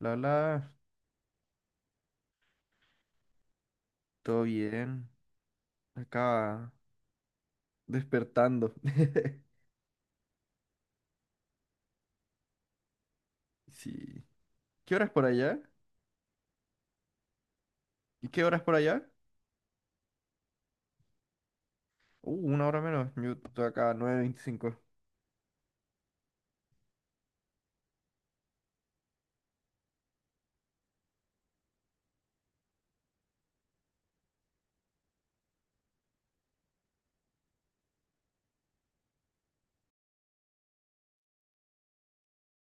La la, todo bien. Acá despertando. Sí. ¿Qué horas por allá? ¿Y qué horas por allá? Una hora menos. Yo estoy acá 9:25.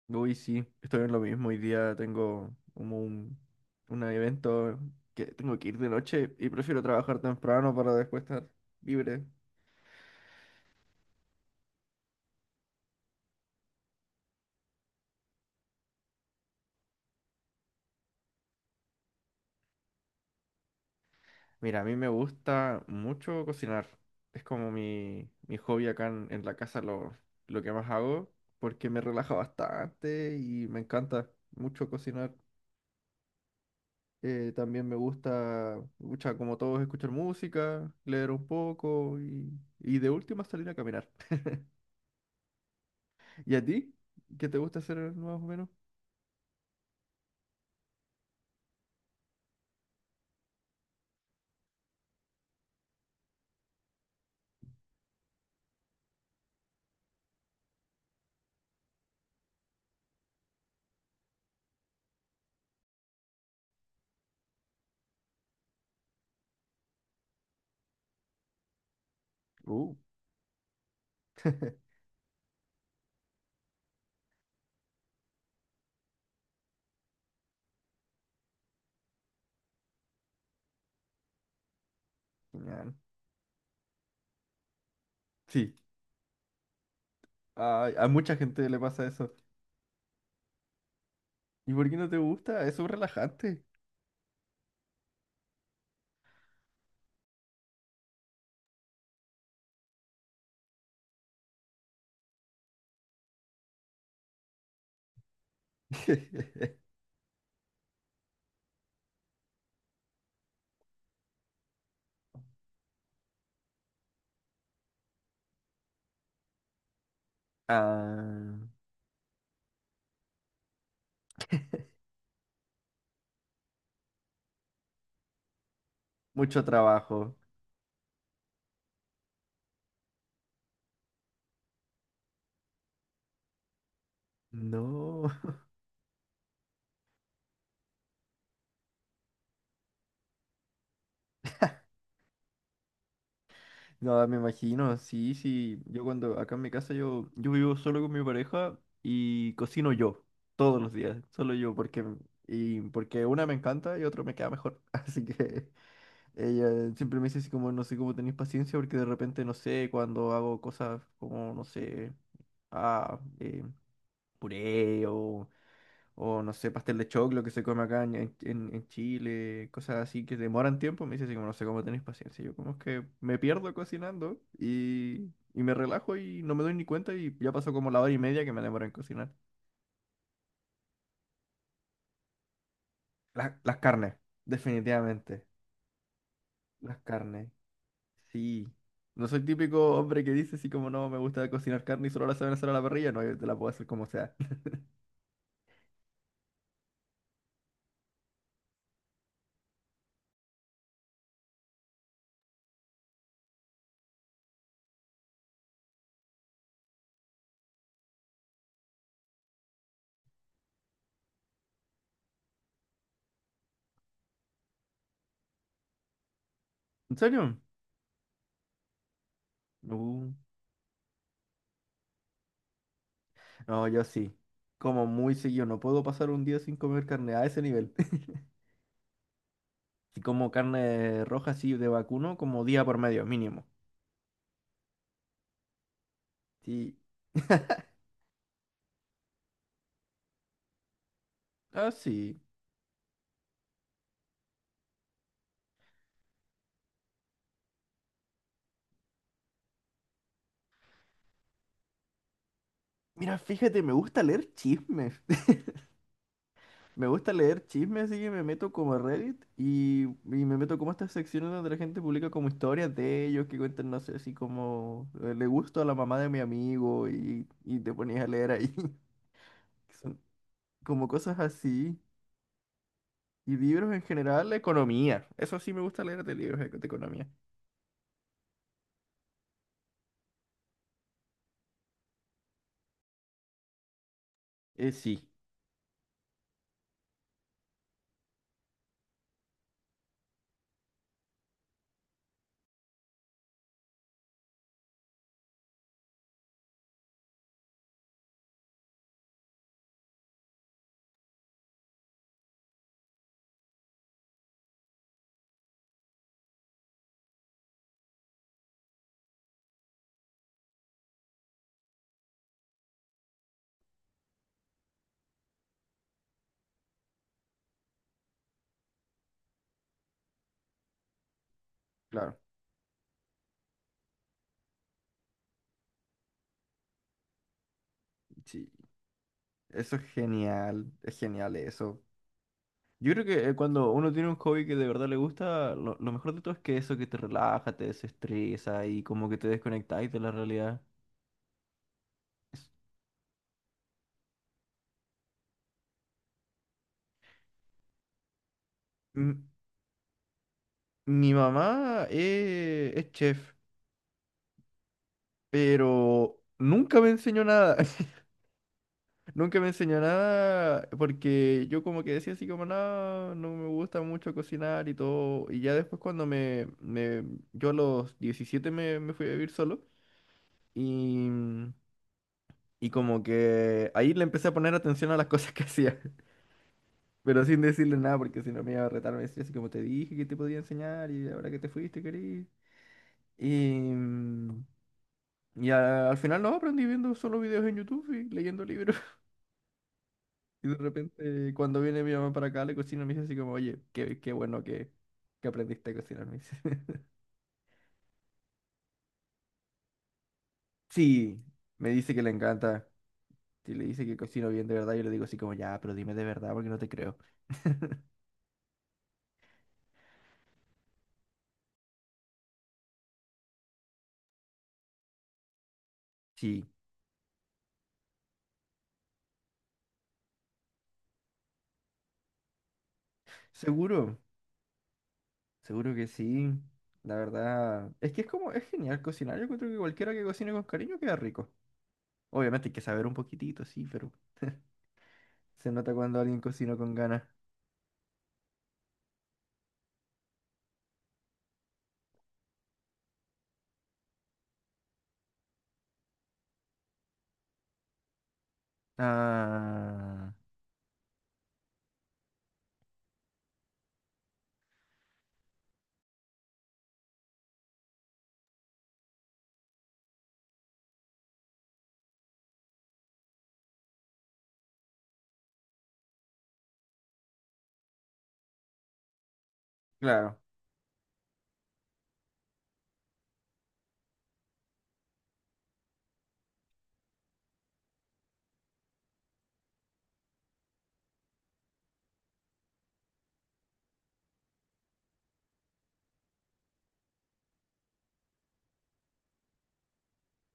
Uy, sí, estoy en lo mismo. Hoy día tengo como un evento que tengo que ir de noche y prefiero trabajar temprano para después estar libre. Mira, a mí me gusta mucho cocinar. Es como mi hobby acá en la casa, lo que más hago, porque me relaja bastante y me encanta mucho cocinar. También me gusta, mucha, como todos, escuchar música, leer un poco y de última salir a caminar. ¿Y a ti? ¿Qué te gusta hacer más o menos? Uh, genial. Sí, a mucha gente le pasa eso. ¿Y por qué no te gusta? Es un relajante. Ah. Mucho trabajo. No, no, me imagino, sí, sí. Yo cuando acá en mi casa yo vivo solo con mi pareja y cocino yo todos los días, solo yo, porque una me encanta y otro me queda mejor. Así que ella siempre me dice así como no sé cómo tenéis paciencia porque de repente no sé cuando hago cosas como no sé, ah, eh, puré o no sé, pastel de choclo que se come acá en Chile, cosas así que demoran tiempo. Me dice así como, no sé cómo tenéis paciencia. Yo como es que me pierdo cocinando y me relajo y no me doy ni cuenta y ya pasó como la hora y media que me demora en cocinar. Las carnes, definitivamente. Las carnes, sí. No soy típico hombre que dice así como, no, me gusta cocinar carne y solo la saben hacer a la parrilla. No, yo te la puedo hacer como sea. ¿En serio? Uh, no, yo sí. Como muy seguido. No puedo pasar un día sin comer carne a ese nivel. Si como carne roja así de vacuno, como día por medio, mínimo. Sí. Ah, sí. Mira, fíjate, me gusta leer chismes. Me gusta leer chismes, así que me meto como a Reddit y me meto como a estas secciones donde la gente publica como historias de ellos que cuentan, no sé, así como le gusto a la mamá de mi amigo y te ponías a leer ahí. que son como cosas así. Y libros en general, economía. Eso sí me gusta leer de libros de economía. Sí, claro. Sí. Eso es genial eso. Yo creo que cuando uno tiene un hobby que de verdad le gusta, lo mejor de todo es que eso que te relaja, te desestresa y como que te desconectáis de la realidad. Es- M- Mi mamá es chef, pero nunca me enseñó nada. Nunca me enseñó nada porque yo como que decía así como, no, no me gusta mucho cocinar y todo. Y ya después cuando yo a los 17 me fui a vivir solo. Y Y como que ahí le empecé a poner atención a las cosas que hacía, pero sin decirle nada porque si no me iba a retar, me decía así como te dije que te podía enseñar y ahora que te fuiste, querido. Y, mm, al final no, aprendí viendo solo videos en YouTube y leyendo libros. Y de repente cuando viene mi mamá para acá, le cocina, me dice así como, oye, qué bueno que aprendiste a cocinar, me dice. Sí, me dice que le encanta. Si le dice que cocino bien de verdad, yo le digo así como, ya, pero dime de verdad porque no te creo. Sí, seguro. Seguro que sí. La verdad, es que es como, es genial cocinar. Yo creo que cualquiera que cocine con cariño queda rico. Obviamente hay que saber un poquitito, sí, pero se nota cuando alguien cocina con ganas. Ah, claro,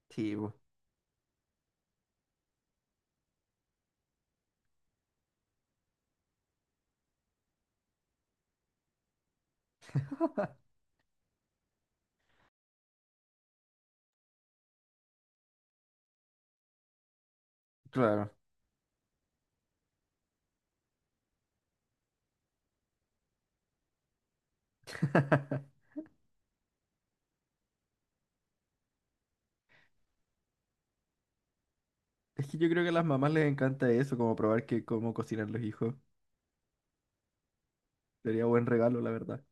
sí, bu- claro. Es que yo creo que a las mamás les encanta eso, como probar que cómo cocinan los hijos. Sería buen regalo, la verdad.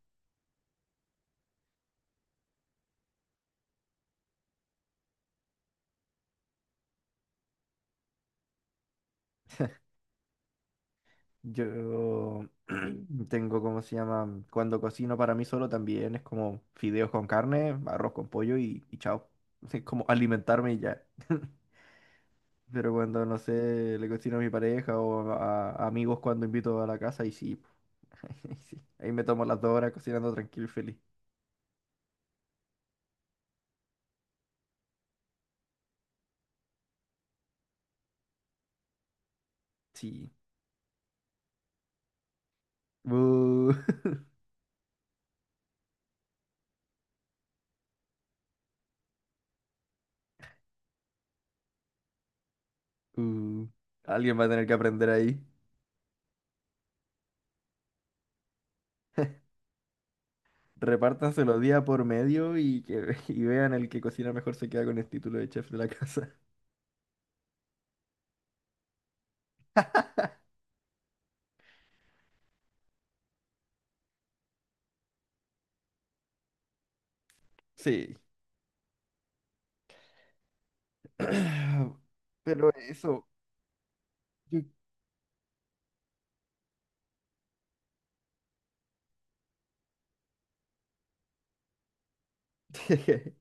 Yo tengo, ¿cómo se llama? Cuando cocino para mí solo también es como fideos con carne, arroz con pollo y chao. Es como alimentarme y ya. Pero cuando, no sé, le cocino a mi pareja o a amigos cuando invito a la casa y sí, ahí sí. Ahí me tomo las 2 horas cocinando tranquilo y feliz. Sí. Uh, uh. Alguien va a tener que aprender ahí. Repártanse los días por medio y que y vean el que cocina mejor se queda con el título de chef de la casa. Sí. Pero eso, yo-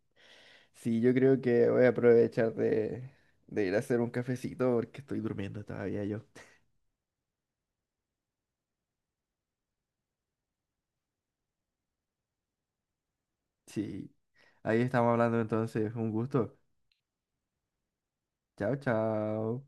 sí, yo creo que voy a aprovechar de ir a hacer un cafecito porque estoy durmiendo todavía yo. Sí, ahí estamos hablando entonces, un gusto. Chao, chao.